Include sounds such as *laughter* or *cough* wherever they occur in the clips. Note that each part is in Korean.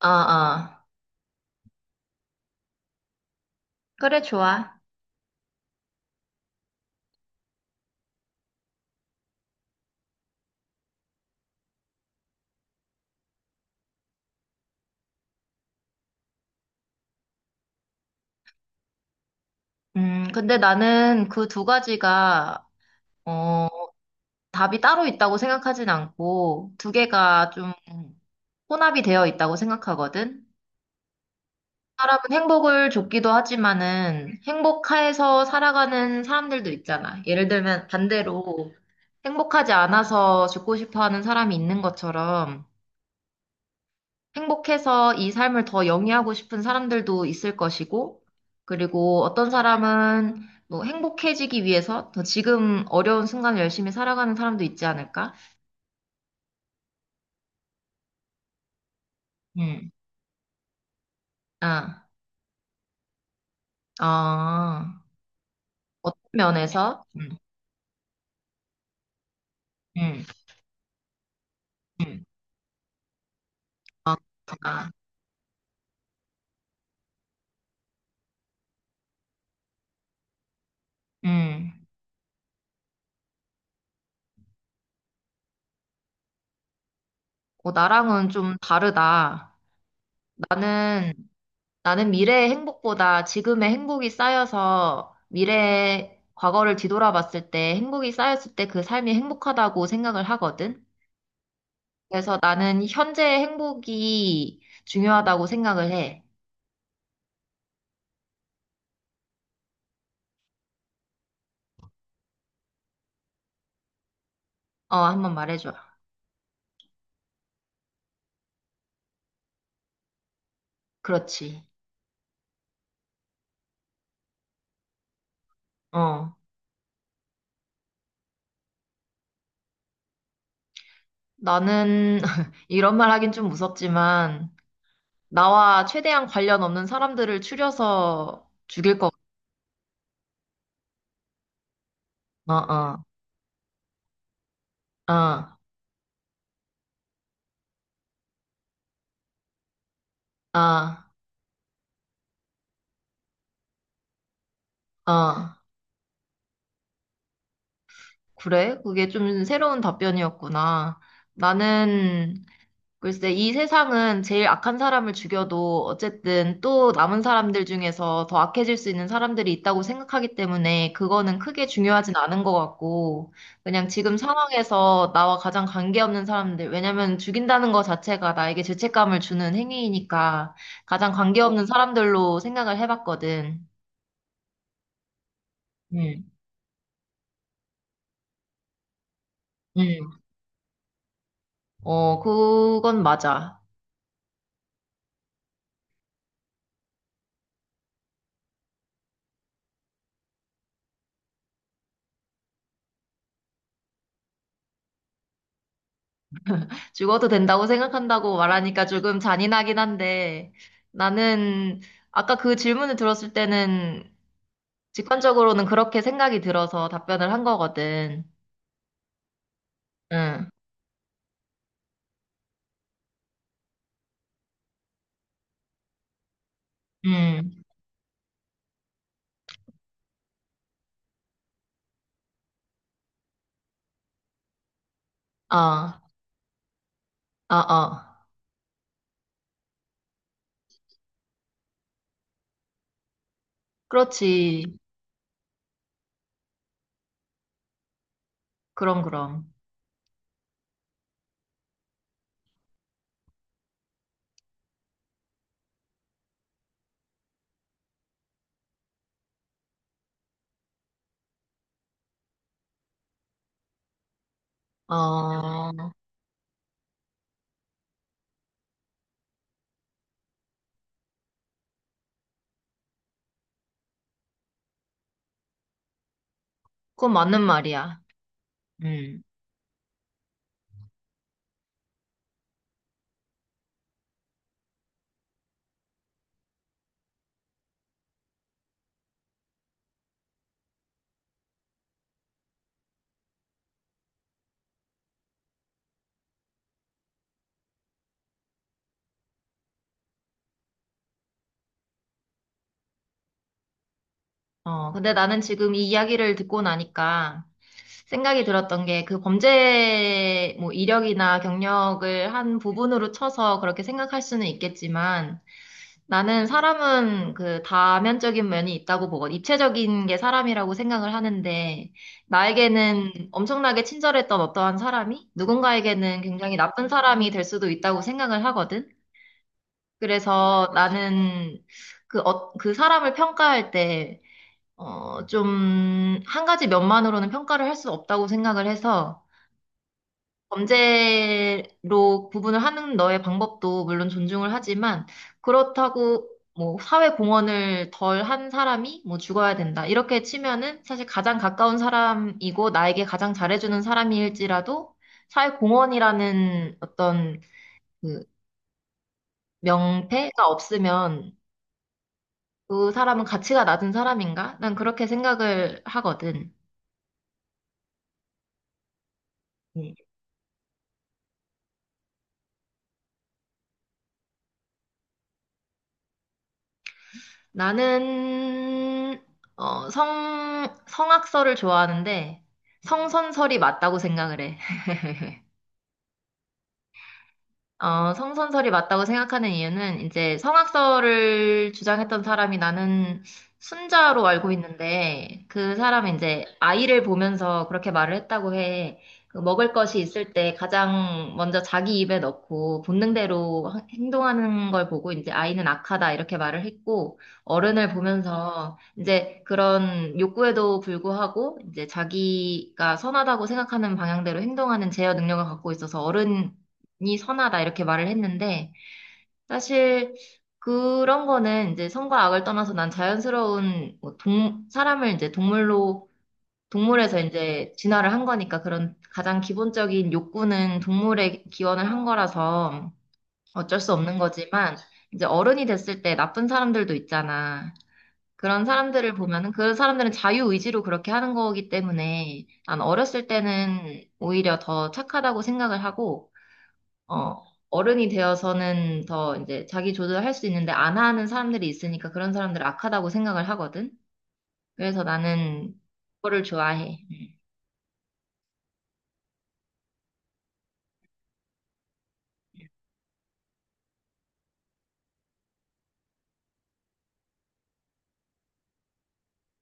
아, 아. 그래, 좋아. 근데 나는 그 두 가지가, 어, 답이 따로 있다고 생각하진 않고, 두 개가 좀 혼합이 되어 있다고 생각하거든? 사람은 행복을 줬기도 하지만은, 행복해서 살아가는 사람들도 있잖아. 예를 들면, 반대로, 행복하지 않아서 죽고 싶어 하는 사람이 있는 것처럼, 행복해서 이 삶을 더 영위하고 싶은 사람들도 있을 것이고, 그리고 어떤 사람은 뭐 행복해지기 위해서 더 지금 어려운 순간 을 열심히 살아가는 사람도 있지 않을까? 음, 아, 아, 어떤 면에서, 음, 음, 아, 음, 나랑은 좀 다르다. 나는, 나는 미래의 행복보다 지금의 행복이 쌓여서 미래의 과거를 뒤돌아봤을 때 행복이 쌓였을 때 그 삶이 행복하다고 생각을 하거든. 그래서 나는 현재의 행복이 중요하다고 생각을 해. 어, 한번 말해줘. 그렇지. 어, 나는 *laughs* 이런 말 하긴 좀 무섭지만 나와 최대한 관련 없는 사람들을 추려서 죽일 거. 어, 어, 어, 어, 어. 그래? 그게 좀 새로운 답변이었구나. 나는 글쎄, 이 세상은 제일 악한 사람을 죽여도 어쨌든 또 남은 사람들 중에서 더 악해질 수 있는 사람들이 있다고 생각하기 때문에 그거는 크게 중요하진 않은 것 같고, 그냥 지금 상황에서 나와 가장 관계없는 사람들, 왜냐면 죽인다는 것 자체가 나에게 죄책감을 주는 행위이니까 가장 관계없는 사람들로 생각을 해봤거든. 음, 음. 어, 그건 맞아. 죽어도 된다고 생각한다고 말하니까 조금 잔인하긴 한데 나는 아까 그 질문을 들었을 때는 직관적으로는 그렇게 생각이 들어서 답변을 한 거거든. 응, 응, 어, 어, 어. 그렇지. 그럼, 그럼. 어, 그건 맞는 말이야. 음. 어, 근데 나는 지금 이 이야기를 듣고 나니까 생각이 들었던 게 그 범죄 뭐 이력이나 경력을 한 부분으로 쳐서 그렇게 생각할 수는 있겠지만 나는 사람은 그 다면적인 면이 있다고 보거든. 입체적인 게 사람이라고 생각을 하는데 나에게는 엄청나게 친절했던 어떠한 사람이 누군가에게는 굉장히 나쁜 사람이 될 수도 있다고 생각을 하거든. 그래서 나는 그 사람을 평가할 때 좀, 한 가지 면만으로는 평가를 할 수 없다고 생각을 해서, 범죄로 구분을 하는 너의 방법도 물론 존중을 하지만, 그렇다고, 뭐, 사회 공헌을 덜 한 사람이, 뭐, 죽어야 된다. 이렇게 치면은, 사실 가장 가까운 사람이고, 나에게 가장 잘해주는 사람일지라도, 사회 공헌이라는 어떤, 그, 명패가 없으면, 그 사람은 가치가 낮은 사람인가? 난 그렇게 생각을 하거든. 예. 나는 성 성악설을 좋아하는데 성선설이 맞다고 생각을 해. *laughs* 어, 성선설이 맞다고 생각하는 이유는 이제 성악설을 주장했던 사람이 나는 순자로 알고 있는데 그 사람은 이제 아이를 보면서 그렇게 말을 했다고 해. 그 먹을 것이 있을 때 가장 먼저 자기 입에 넣고 본능대로 행동하는 걸 보고 이제 아이는 악하다 이렇게 말을 했고 어른을 보면서 이제 그런 욕구에도 불구하고 이제 자기가 선하다고 생각하는 방향대로 행동하는 제어 능력을 갖고 있어서 어른 이 선하다 이렇게 말을 했는데 사실 그런 거는 이제 선과 악을 떠나서 난 자연스러운 뭐동 사람을 이제 동물로 동물에서 이제 진화를 한 거니까 그런 가장 기본적인 욕구는 동물에 기원을 한 거라서 어쩔 수 없는 거지만 이제 어른이 됐을 때 나쁜 사람들도 있잖아. 그런 사람들을 보면은 그런 사람들은 자유의지로 그렇게 하는 거기 때문에 난 어렸을 때는 오히려 더 착하다고 생각을 하고 어, 어른이 되어서는 더 이제 자기 조절할 수 있는데 안 하는 사람들이 있으니까 그런 사람들 악하다고 생각을 하거든. 그래서 나는 그거를 좋아해. 응,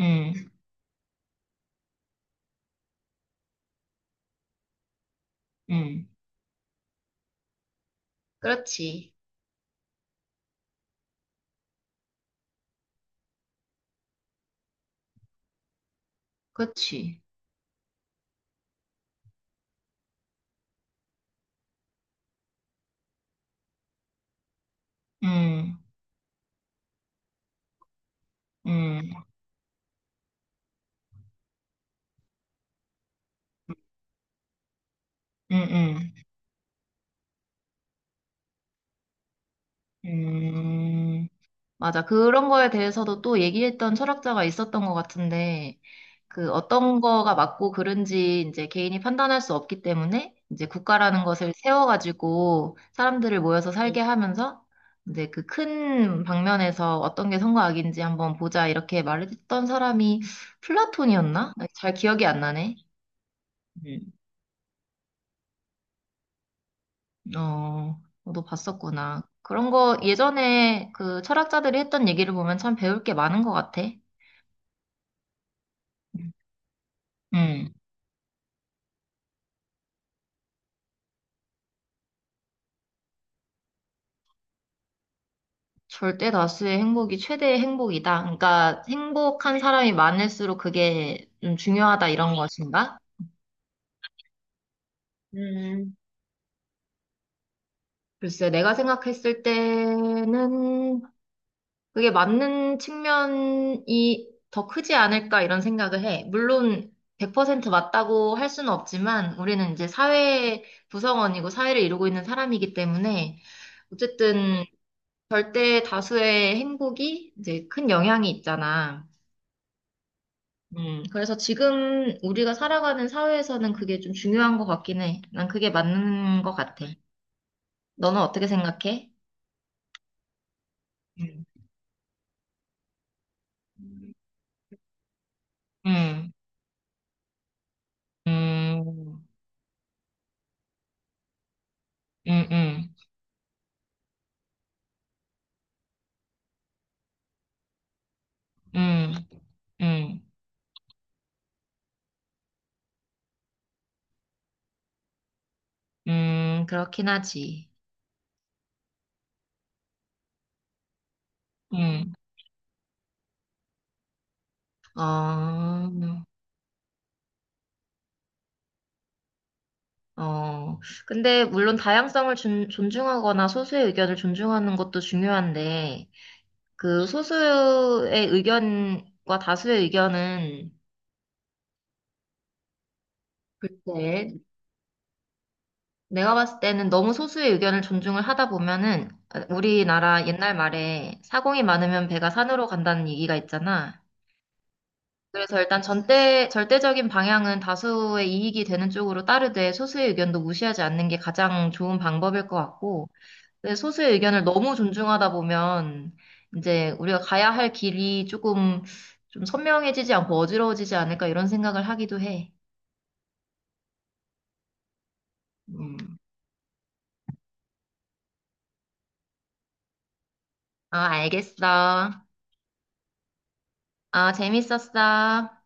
응, 응. 그렇지. 그렇지. 응, 응, 응, 응. 음, 맞아. 그런 거에 대해서도 또 얘기했던 철학자가 있었던 것 같은데, 그 어떤 거가 맞고 그른지 이제 개인이 판단할 수 없기 때문에 이제 국가라는 것을 세워가지고 사람들을 모여서 살게 하면서 이제 그 큰 방면에서 어떤 게 선과 악인지 한번 보자 이렇게 말했던 사람이 플라톤이었나? 잘 기억이 안 나네. 음. 어, 너도 봤었구나. 그런 거 예전에 그 철학자들이 했던 얘기를 보면 참 배울 게 많은 것 같아. 음. 절대 다수의 행복이 최대의 행복이다. 그러니까 행복한 사람이 많을수록 그게 좀 중요하다 이런 것인가? 음, 글쎄, 내가 생각했을 때는 그게 맞는 측면이 더 크지 않을까 이런 생각을 해. 물론 100% 맞다고 할 수는 없지만 우리는 이제 사회 구성원이고 사회를 이루고 있는 사람이기 때문에 어쨌든 절대 다수의 행복이 이제 큰 영향이 있잖아. 그래서 지금 우리가 살아가는 사회에서는 그게 좀 중요한 것 같긴 해. 난 그게 맞는 것 같아. 너는 어떻게 생각해? 음, 음, 음, 음, 음, 음, 음, 그렇긴 하지. 음. 어, 어. 근데 물론 다양성을 존중하거나 소수의 의견을 존중하는 것도 중요한데, 그 소수의 의견과 다수의 의견은 글쎄, 내가 봤을 때는 너무 소수의 의견을 존중을 하다 보면은 어, 우리나라 옛날 말에 사공이 많으면 배가 산으로 간다는 얘기가 있잖아. 그래서 일단 절대적인 방향은 다수의 이익이 되는 쪽으로 따르되 소수의 의견도 무시하지 않는 게 가장 좋은 방법일 것 같고, 근데 소수의 의견을 너무 존중하다 보면 이제 우리가 가야 할 길이 조금 좀 선명해지지 않고 어지러워지지 않을까 이런 생각을 하기도 해. 음. 아, 알겠어. 아, 재밌었어.